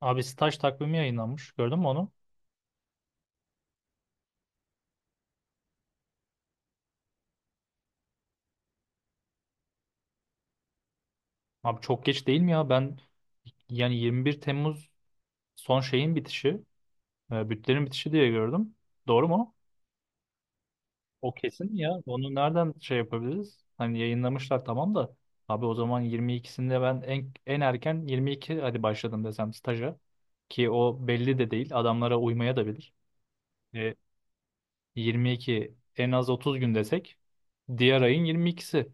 Abi staj takvimi yayınlanmış. Gördün mü onu? Abi çok geç değil mi ya? Ben yani 21 Temmuz son şeyin bitişi, bütlerin bitişi diye gördüm. Doğru mu? O kesin mi ya. Onu nereden şey yapabiliriz? Hani yayınlamışlar tamam da. Abi o zaman 22'sinde ben en erken 22 hadi başladım desem staja. Ki o belli de değil. Adamlara uymaya da bilir. E, 22 en az 30 gün desek diğer ayın 22'si.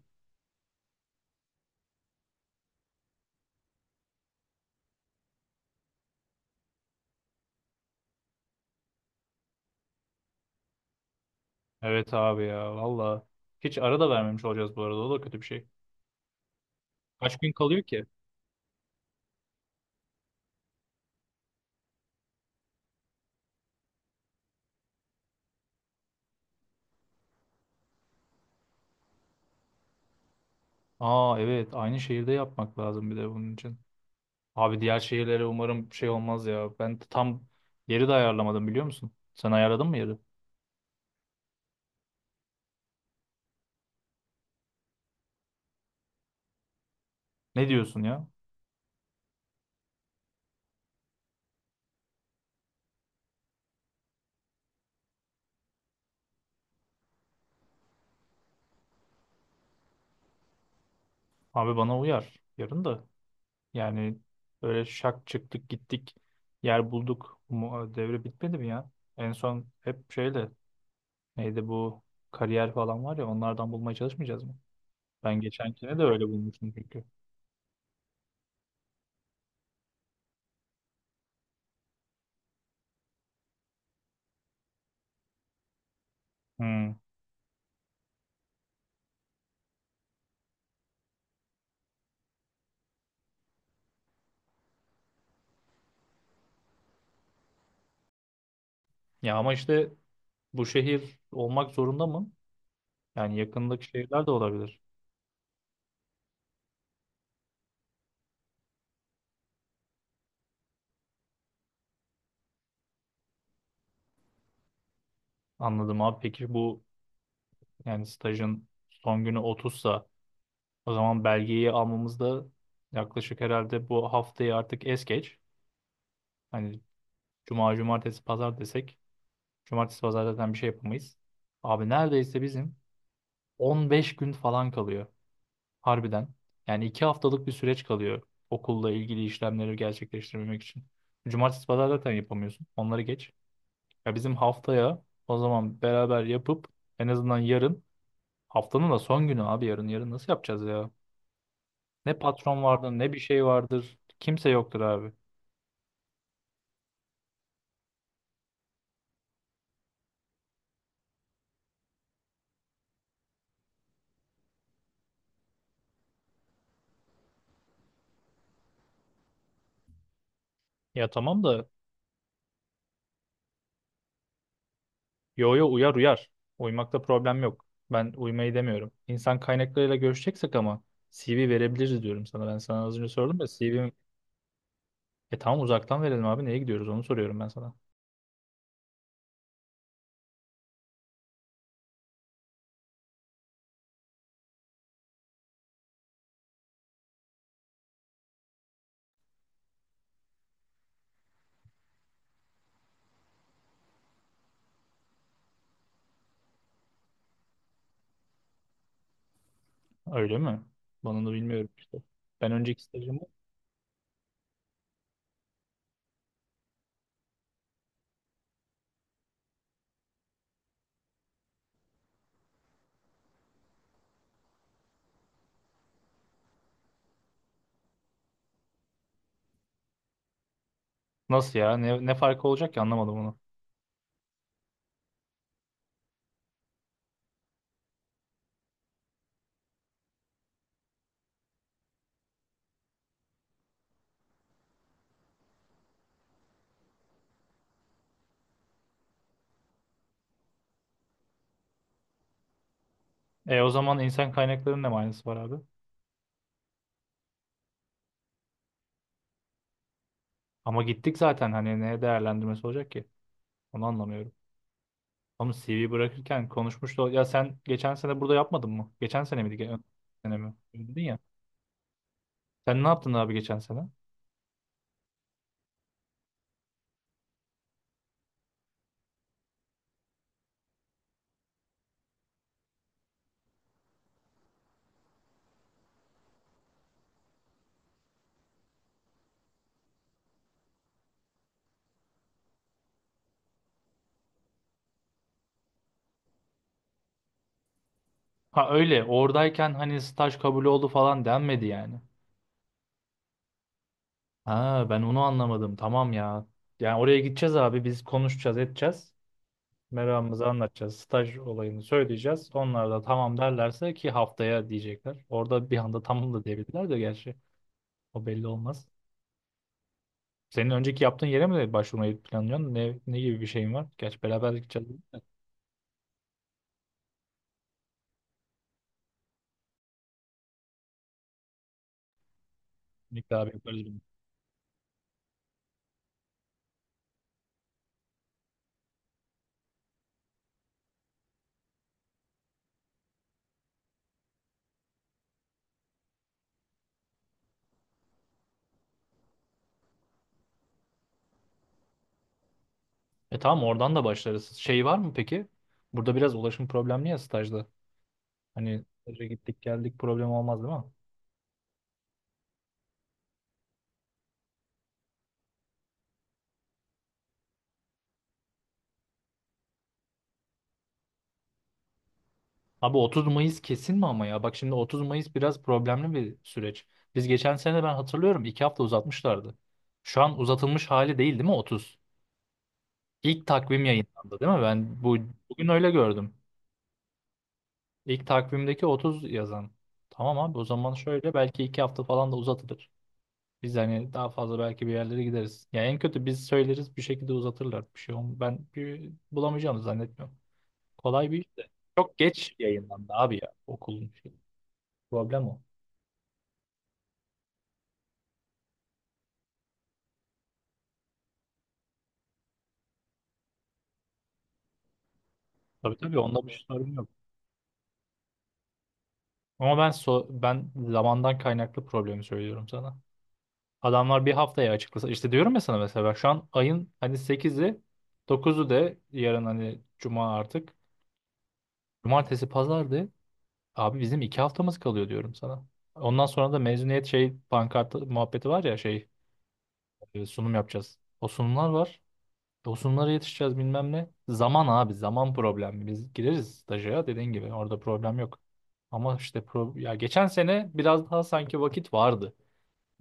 Evet abi ya valla. Hiç ara da vermemiş olacağız bu arada. O da kötü bir şey. Kaç gün kalıyor ki? Aa evet aynı şehirde yapmak lazım bir de bunun için. Abi diğer şehirlere umarım şey olmaz ya. Ben tam yeri de ayarlamadım biliyor musun? Sen ayarladın mı yeri? Ne diyorsun ya? Abi bana uyar. Yarın da. Yani böyle şak çıktık gittik. Yer bulduk. Devre bitmedi mi ya? En son hep şeyle neydi bu kariyer falan var ya onlardan bulmaya çalışmayacağız mı? Ben geçenkine de öyle bulmuştum çünkü. Hmm. Ya ama işte bu şehir olmak zorunda mı? Yani yakındaki şehirler de olabilir. Anladım abi. Peki bu yani stajın son günü otuzsa, o zaman belgeyi almamız da yaklaşık herhalde bu haftayı artık es geç. Hani cuma, cumartesi, pazar desek cumartesi, pazar zaten bir şey yapamayız. Abi neredeyse bizim 15 gün falan kalıyor. Harbiden. Yani 2 haftalık bir süreç kalıyor okulla ilgili işlemleri gerçekleştirmemek için. Cumartesi, pazar zaten yapamıyorsun. Onları geç. Ya bizim haftaya o zaman beraber yapıp en azından yarın haftanın da son günü abi yarın nasıl yapacağız ya? Ne patron vardır ne bir şey vardır. Kimse yoktur abi. Ya tamam da yo'ya uyar uyar. Uymakta problem yok. Ben uymayı demiyorum. İnsan kaynaklarıyla görüşeceksek ama CV verebiliriz diyorum sana. Ben sana az önce sordum da CV'm... E tamam uzaktan verelim abi neye gidiyoruz onu soruyorum ben sana. Öyle mi? Bana da bilmiyorum işte. Ben önceki stajımı... Nasıl ya? Ne farkı olacak ki anlamadım onu. E o zaman insan kaynaklarının ne manası var abi? Ama gittik zaten hani ne değerlendirmesi olacak ki? Onu anlamıyorum. Oğlum CV bırakırken konuşmuştu. Ya sen geçen sene burada yapmadın mı? Geçen sene miydi? Sene mi? Öyle dedin ya. Sen ne yaptın abi geçen sene? Ha öyle. Oradayken hani staj kabul oldu falan denmedi yani. Ha ben onu anlamadım. Tamam ya. Yani oraya gideceğiz abi. Biz konuşacağız, edeceğiz. Meramımızı anlatacağız. Staj olayını söyleyeceğiz. Onlar da tamam derlerse ki haftaya diyecekler. Orada bir anda tamam da diyebilirler de gerçi. O belli olmaz. Senin önceki yaptığın yere mi başvurmayı planlıyorsun? Ne gibi bir şeyin var? Gerçi beraber gideceğiz. Birlikte abi yaparız bunu. E tamam oradan da başlarız. Şey var mı peki? Burada biraz ulaşım problemli ya stajda. Hani staja gittik geldik problem olmaz değil mi? Abi 30 Mayıs kesin mi ama ya? Bak şimdi 30 Mayıs biraz problemli bir süreç. Biz geçen sene ben hatırlıyorum 2 hafta uzatmışlardı. Şu an uzatılmış hali değil mi 30? İlk takvim yayınlandı değil mi? Ben bugün öyle gördüm. İlk takvimdeki 30 yazan. Tamam abi o zaman şöyle belki 2 hafta falan da uzatılır. Biz hani daha fazla belki bir yerlere gideriz. Ya en kötü biz söyleriz bir şekilde uzatırlar. Ben bir bulamayacağımı zannetmiyorum. Kolay bir iş de. Çok geç yayınlandı abi ya okulun şey. Problem o. Tabii tabii onda bir sorun yok. Ama ben zamandan kaynaklı problemi söylüyorum sana. Adamlar bir haftaya açıklasa işte diyorum ya sana mesela ben şu an ayın hani sekizi, dokuzu de yarın hani cuma artık Cumartesi pazardı. Abi bizim 2 haftamız kalıyor diyorum sana. Ondan sonra da mezuniyet şey pankart muhabbeti var ya şey sunum yapacağız. O sunumlar var. O sunumlara yetişeceğiz bilmem ne. Zaman abi zaman problem. Biz gireriz staja dediğin gibi orada problem yok. Ama işte ya geçen sene biraz daha sanki vakit vardı.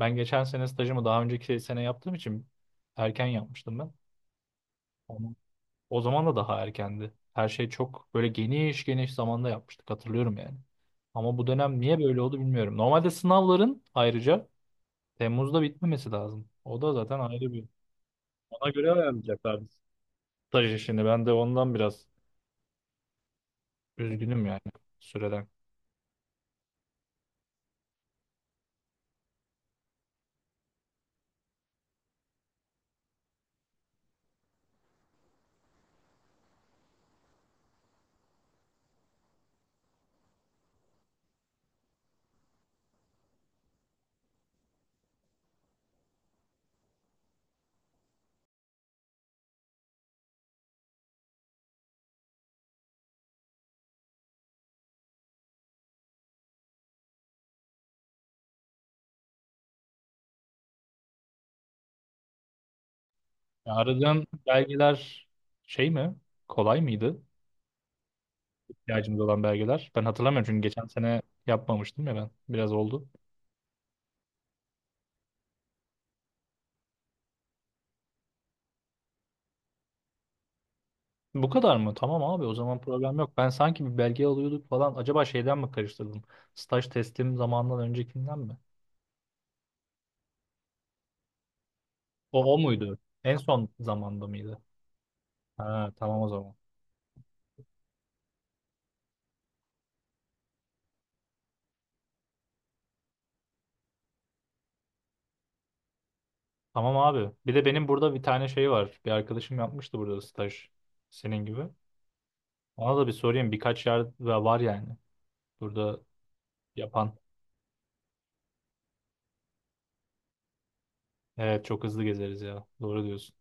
Ben geçen sene stajımı daha önceki sene yaptığım için erken yapmıştım ben. O zaman da daha erkendi. Her şey çok böyle geniş geniş zamanda yapmıştık hatırlıyorum yani. Ama bu dönem niye böyle oldu bilmiyorum. Normalde sınavların ayrıca Temmuz'da bitmemesi lazım. O da zaten ayrı bir. Ona göre ayarlayacaklardı. Staj işini ben de ondan biraz üzgünüm yani süreden. Ya aradığın belgeler şey mi? Kolay mıydı? İhtiyacımız olan belgeler. Ben hatırlamıyorum çünkü geçen sene yapmamıştım ya ben. Biraz oldu. Bu kadar mı? Tamam abi o zaman problem yok. Ben sanki bir belge alıyorduk falan. Acaba şeyden mi karıştırdım? Staj teslim zamanından öncekinden mi? O muydu? En son zamanda mıydı? Ha, tamam o zaman. Tamam abi. Bir de benim burada bir tane şey var. Bir arkadaşım yapmıştı burada staj. Senin gibi. Ona da bir sorayım. Birkaç yer var yani. Burada yapan. Evet çok hızlı gezeriz ya. Doğru diyorsun.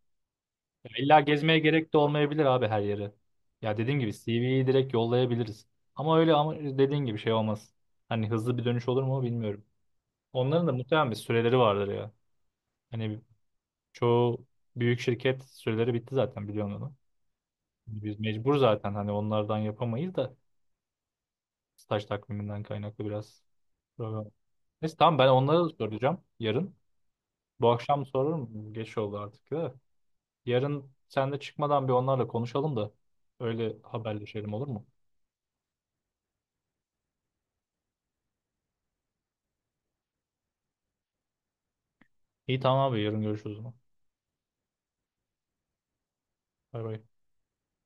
Ya İlla gezmeye gerek de olmayabilir abi her yere. Ya dediğim gibi CV'yi direkt yollayabiliriz. Ama öyle ama dediğin gibi şey olmaz. Hani hızlı bir dönüş olur mu bilmiyorum. Onların da muhtemelen bir süreleri vardır ya. Hani çoğu büyük şirket süreleri bitti zaten biliyorsun onu. Hani biz mecbur zaten hani onlardan yapamayız da staj takviminden kaynaklı biraz problem. Neyse tamam ben onlara da soracağım yarın. Bu akşam sorarım. Geç oldu artık da. Yarın sen de çıkmadan bir onlarla konuşalım da öyle haberleşelim olur mu? İyi tamam abi yarın görüşürüz o zaman. Bay bay.